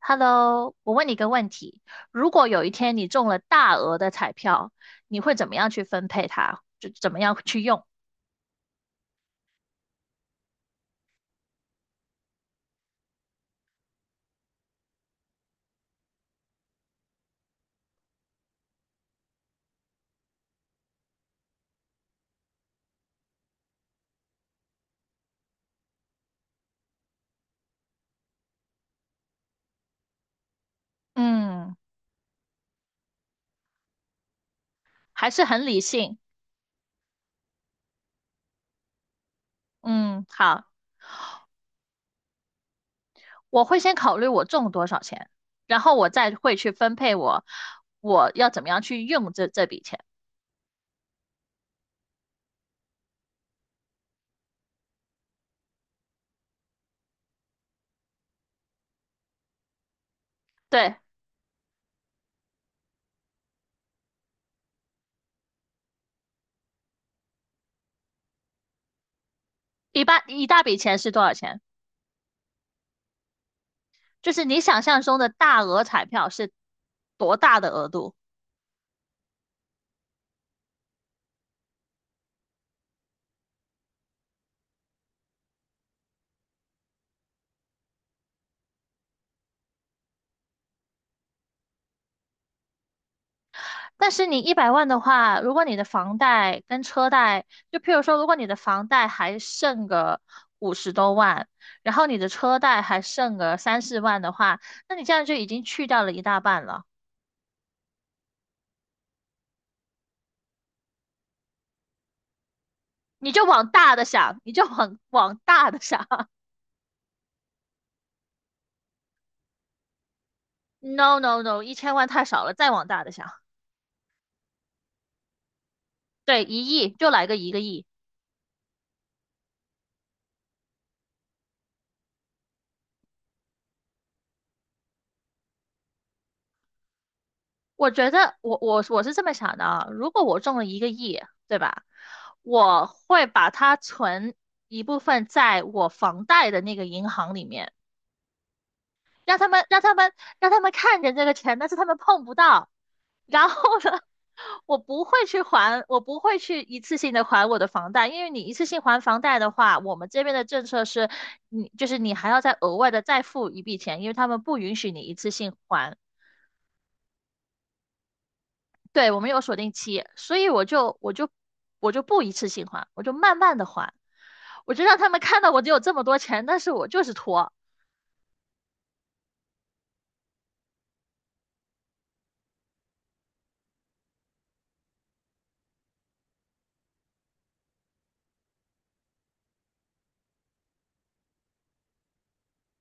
Hello，我问你一个问题：如果有一天你中了大额的彩票，你会怎么样去分配它？就怎么样去用？嗯，还是很理性。嗯，好，我会先考虑我中多少钱，然后我再会去分配我要怎么样去用这笔钱。对，一般一大笔钱是多少钱？就是你想象中的大额彩票是多大的额度？但是你100万的话，如果你的房贷跟车贷，就譬如说，如果你的房贷还剩个50多万，然后你的车贷还剩个三四万的话，那你这样就已经去掉了一大半了。你就往大的想，你就往大的想。No no no，1000万太少了，再往大的想。对，1亿就来个一个亿。我觉得我是这么想的啊，如果我中了一个亿，对吧？我会把它存一部分在我房贷的那个银行里面，让他们让他们让他们看见这个钱，但是他们碰不到。然后呢，我不会去还，我不会去一次性的还我的房贷，因为你一次性还房贷的话，我们这边的政策是，你就是你还要再额外的再付一笔钱，因为他们不允许你一次性还。对，我们有锁定期，所以我就不一次性还，我就慢慢的还，我就让他们看到我只有这么多钱，但是我就是拖。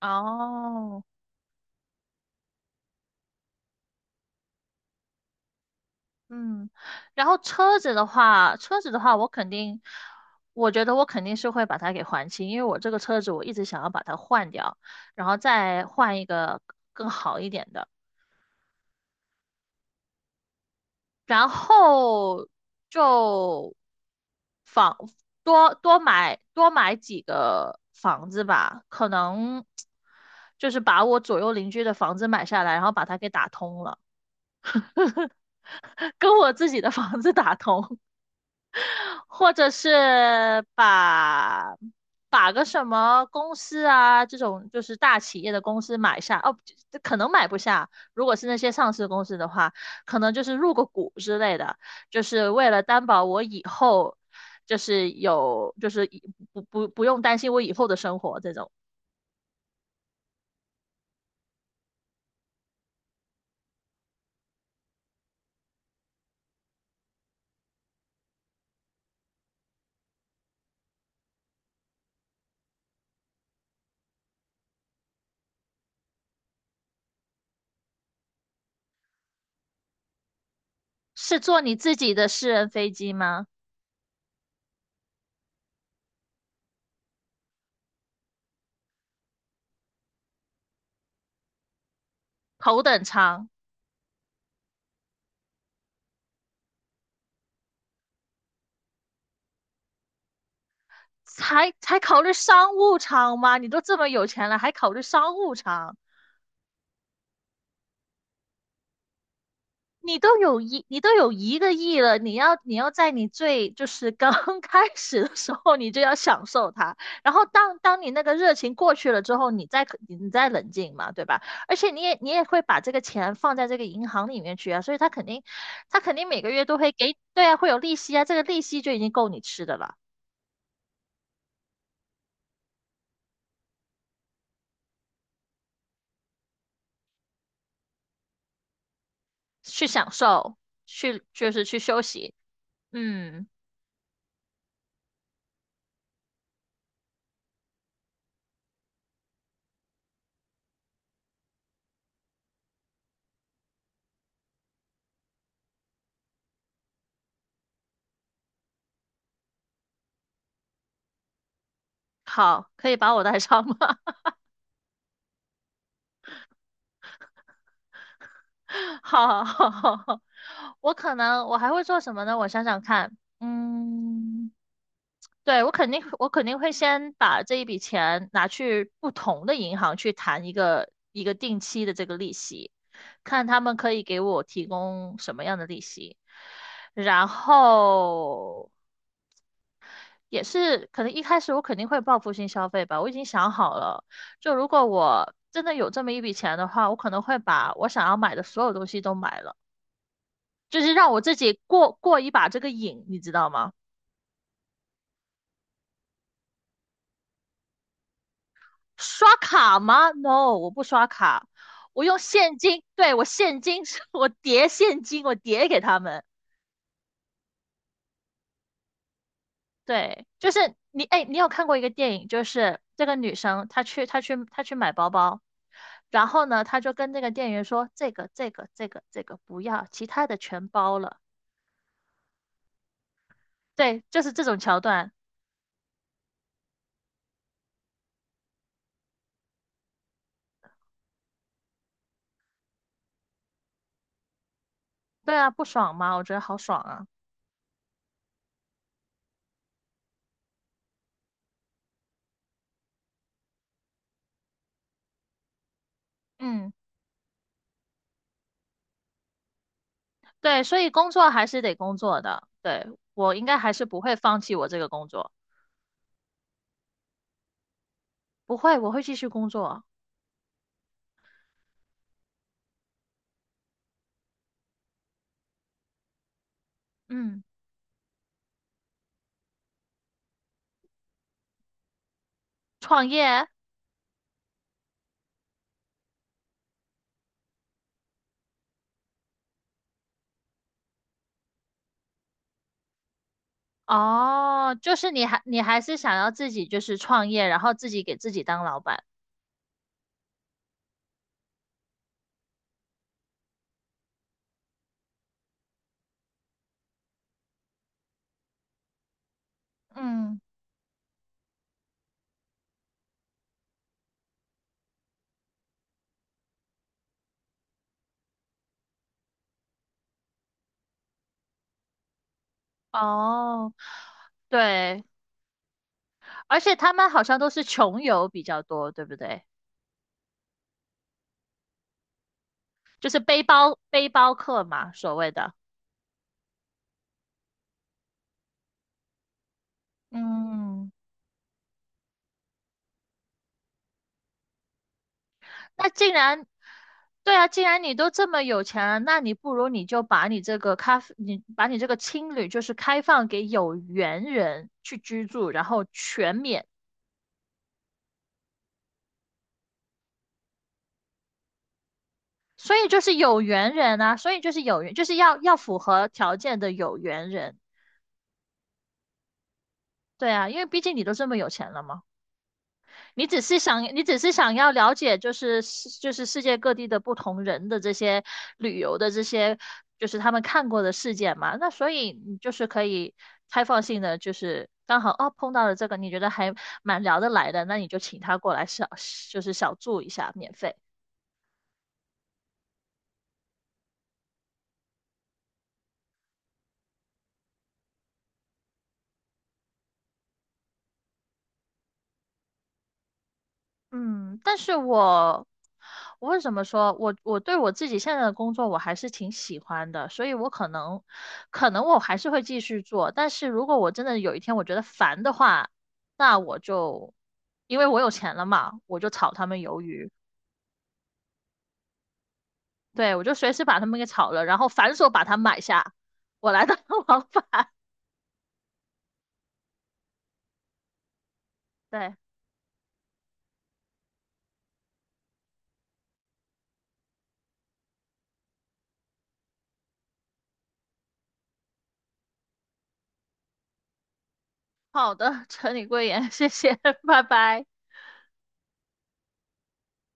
哦，嗯，然后车子的话，我觉得我肯定是会把它给还清，因为我这个车子我一直想要把它换掉，然后再换一个更好一点的。然后就房多买几个房子吧，可能就是把我左右邻居的房子买下来，然后把它给打通了，跟我自己的房子打通。或者是把个什么公司啊，这种就是大企业的公司买下，哦，这可能买不下。如果是那些上市公司的话，可能就是入个股之类的，就是为了担保我以后就是有，就是以不用担心我以后的生活这种。是坐你自己的私人飞机吗？头等舱，才考虑商务舱吗？你都这么有钱了，还考虑商务舱？你都有一个亿了，你要在你最就是刚 开始的时候，你就要享受它。然后当你那个热情过去了之后，你再冷静嘛，对吧？而且你也会把这个钱放在这个银行里面去啊，所以他肯定每个月都会给，对啊，会有利息啊，这个利息就已经够你吃的了，去享受，去就是去休息。嗯，好，可以把我带上吗？好好好好，我可能我还会做什么呢？我想想看，嗯，对，我肯定会先把这一笔钱拿去不同的银行去谈一个定期的这个利息，看他们可以给我提供什么样的利息，然后也是可能一开始我肯定会报复性消费吧，我已经想好了。就如果我真的有这么一笔钱的话，我可能会把我想要买的所有东西都买了。就是让我自己过过一把这个瘾，你知道吗？刷卡吗？No，我不刷卡，我用现金。对，我现金，我叠现金，我叠给他们。对，就是你，哎，你有看过一个电影，就是这个女生她去买包包，然后呢，她就跟那个店员说这个不要，其他的全包了。对，就是这种桥段。对啊，不爽吗？我觉得好爽啊。嗯。对，所以工作还是得工作的。对，我应该还是不会放弃我这个工作，不会，我会继续工作。嗯，创业哦，就是你还你还是想要自己就是创业，然后自己给自己当老板。嗯，哦，对，而且他们好像都是穷游比较多，对不对？就是背包客嘛，所谓的。嗯。那既然，对啊，既然你都这么有钱了，那你不如你就把你这个咖啡，你把你这个青旅就是开放给有缘人去居住，然后全免。所以就是有缘人啊，所以就是有缘，就是要符合条件的有缘人。对啊，因为毕竟你都这么有钱了嘛。你只是想要了解，就是世界各地的不同人的这些旅游的这些，就是他们看过的事件嘛。那所以你就是可以开放性的，就是刚好哦碰到了这个，你觉得还蛮聊得来的，那你就请他过来，就是小住一下，免费。嗯，但是我为什么说我对我自己现在的工作我还是挺喜欢的，所以我可能我还是会继续做，但是如果我真的有一天我觉得烦的话，那我就因为我有钱了嘛，我就炒他们鱿鱼，对，我就随时把他们给炒了，然后反手把它买下，我来当 老板。对，好的，陈你贵言，谢谢，拜拜。